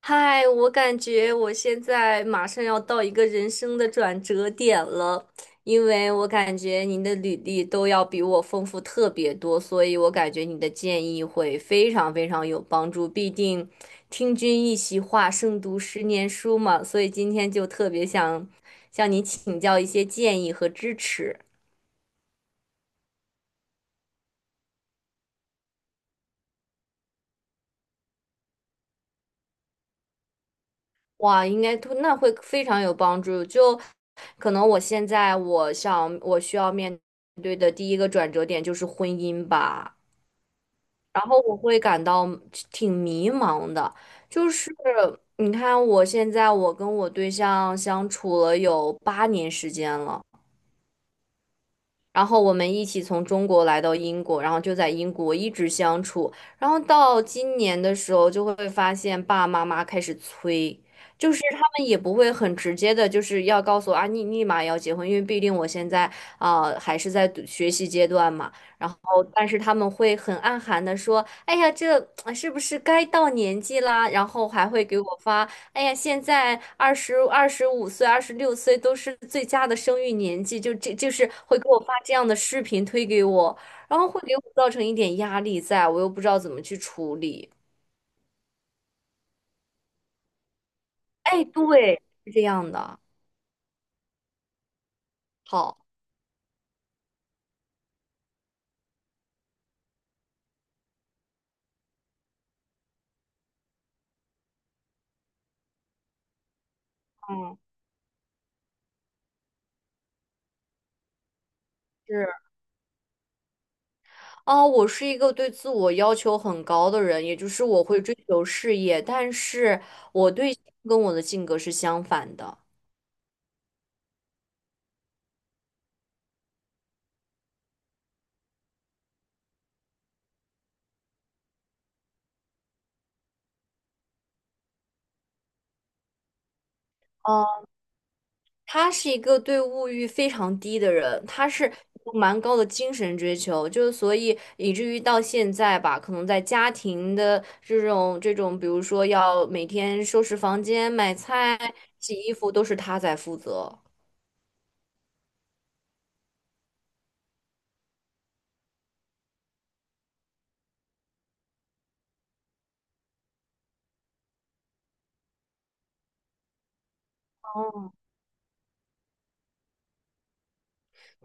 嗨，我感觉我现在马上要到一个人生的转折点了，因为我感觉您的履历都要比我丰富特别多，所以我感觉你的建议会非常非常有帮助。毕竟听君一席话，胜读十年书嘛，所以今天就特别想向您请教一些建议和支持。哇，应该都那会非常有帮助。就可能我现在我想我需要面对的第一个转折点就是婚姻吧，然后我会感到挺迷茫的。就是你看，我现在我跟我对象相处了有8年时间了。然后我们一起从中国来到英国，然后就在英国一直相处。然后到今年的时候，就会发现爸爸妈妈开始催，就是他们也不会很直接的，就是要告诉我啊，你立马要结婚，因为毕竟我现在还是在读学习阶段嘛。然后，但是他们会很暗含的说，哎呀，这啊是不是该到年纪啦？然后还会给我发哎呀，现在25岁、二十六岁都是最佳的生育年纪，就这就是会给我发这样的视频推给我，然后会给我造成一点压力在，我又不知道怎么去处理。哎，对，是这样的。好，嗯，是哦，我是一个对自我要求很高的人，也就是我会追求事业，但是我对跟我的性格是相反的。他是一个对物欲非常低的人，他是有蛮高的精神追求，就是所以以至于到现在吧，可能在家庭的这种，比如说要每天收拾房间、买菜、洗衣服，都是他在负责。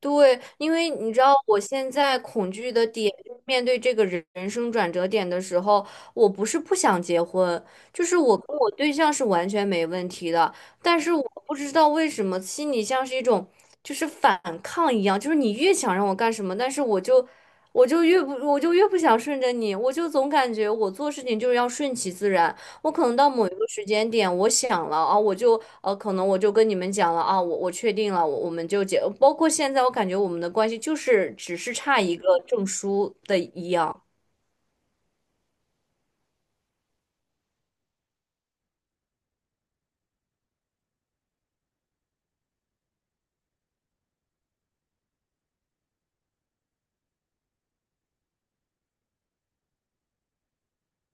对，因为你知道，我现在恐惧的点，就是面对这个生转折点的时候，我不是不想结婚，就是我跟我对象是完全没问题的，但是我不知道为什么心里像是一种就是反抗一样，就是你越想让我干什么，但是我就越不想顺着你，我就总感觉我做事情就是要顺其自然，我可能到某一个时间点，我想了啊，我就可能我就跟你们讲了啊，我确定了，我们就结。包括现在，我感觉我们的关系就是只是差一个证书的一样。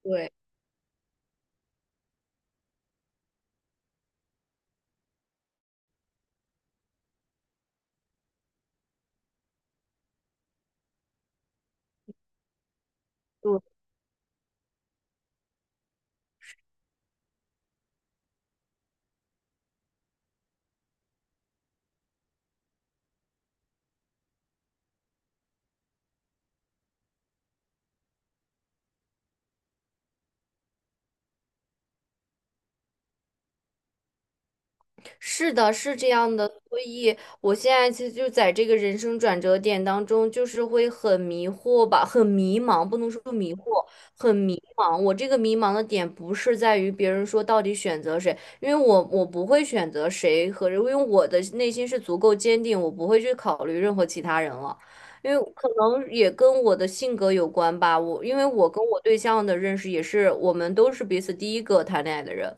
对，是的，是这样的，所以我现在其实就在这个人生转折点当中，就是会很迷惑吧，很迷茫，不能说迷惑，很迷茫。我这个迷茫的点不是在于别人说到底选择谁，因为我不会选择谁和人因为我的内心是足够坚定，我不会去考虑任何其他人了。因为可能也跟我的性格有关吧，我因为我跟我对象的认识也是，我们都是彼此第一个谈恋爱的人。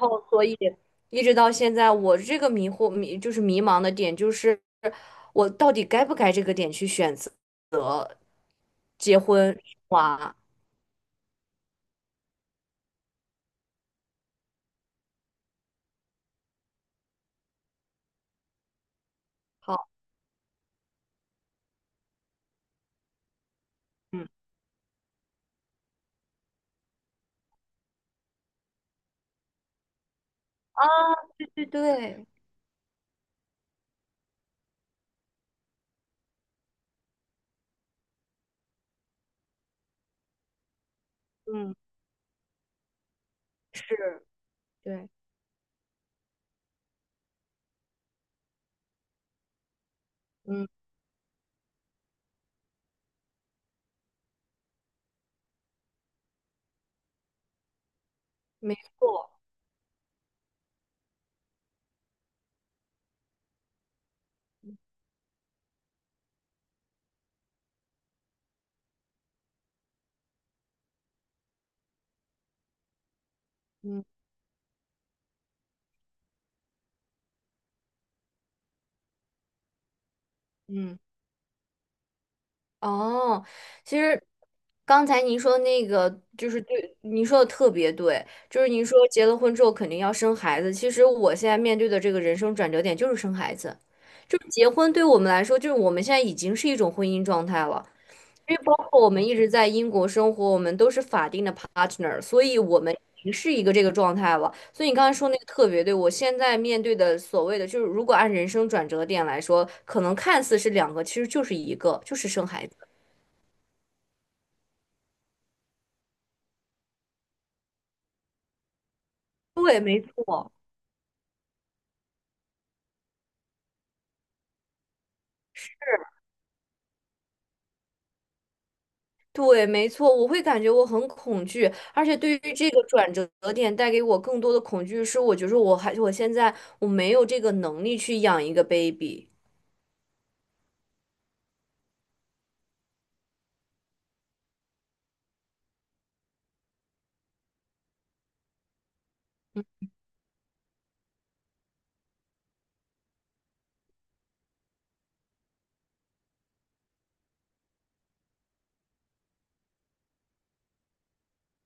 哦，所以一直到现在，我这个迷惑迷就是迷茫的点，就是我到底该不该这个点去选择结婚生娃？好，嗯啊，对对，嗯是，对，嗯没错，嗯嗯。哦，其实刚才您说那个就是对，您说的特别对，就是您说结了婚之后肯定要生孩子。其实我现在面对的这个人生转折点就是生孩子，就是结婚对我们来说，就是我们现在已经是一种婚姻状态了，因为包括我们一直在英国生活，我们都是法定的 partner，所以我们已经是一个这个状态了。所以你刚才说那个特别对，我现在面对的所谓的就是，如果按人生转折点来说，可能看似是两个，其实就是一个，就是生孩子。对，没错，对，没错，我会感觉我很恐惧，而且对于这个转折点带给我更多的恐惧是，我觉得我还我现在没有这个能力去养一个 baby。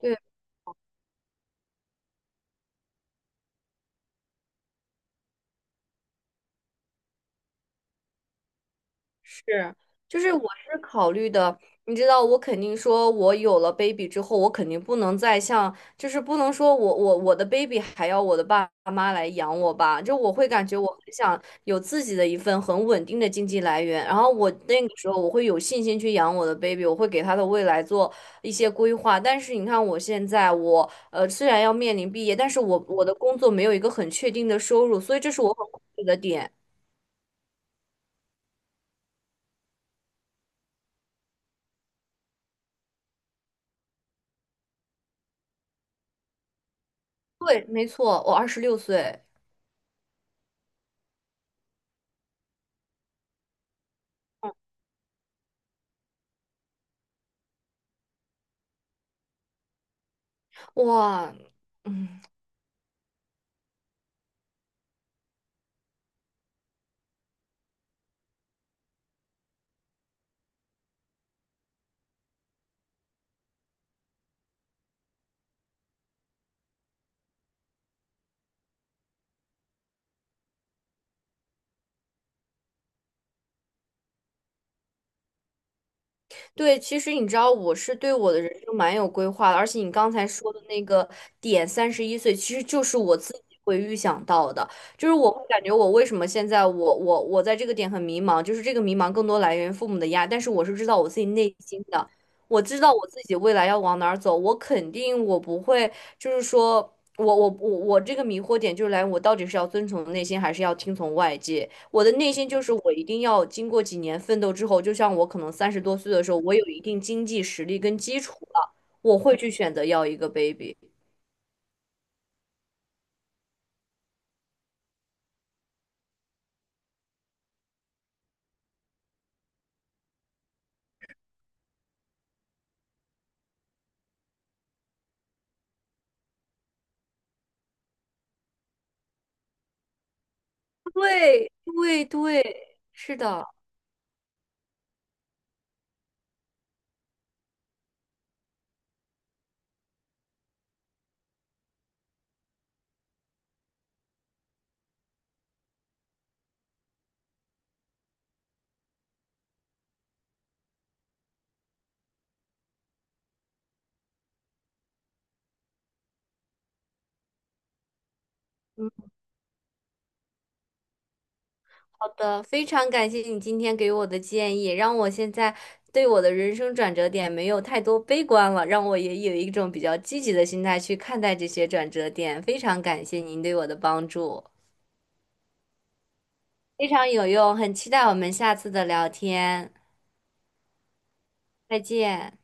对。是，就是我是考虑的，你知道，我肯定说，我有了 baby 之后，我肯定不能再像，就是不能说我的 baby 还要我的爸妈来养我吧，就我会感觉我很想有自己的一份很稳定的经济来源，然后我那个时候我会有信心去养我的 baby，我会给他的未来做一些规划。但是你看我现在我，虽然要面临毕业，但是我的工作没有一个很确定的收入，所以这是我很恐惧的点。对，没错，我二十六岁。哇，嗯，对，其实你知道，我是对我的人生蛮有规划的，而且你刚才说的那个点，31岁，其实就是我自己会预想到的，就是我会感觉我为什么现在我我我在这个点很迷茫，就是这个迷茫更多来源于父母的压力，但是我是知道我自己内心的，我知道我自己未来要往哪儿走，我肯定我不会，就是说我这个迷惑点就是来源于我到底是要遵从内心，还是要听从外界。我的内心就是我一定要经过几年奋斗之后，就像我可能30多岁的时候，我有一定经济实力跟基础了，我会去选择要一个 baby。对对对，是的，好的，非常感谢你今天给我的建议，让我现在对我的人生转折点没有太多悲观了，让我也有一种比较积极的心态去看待这些转折点。非常感谢您对我的帮助，非常有用，很期待我们下次的聊天，再见。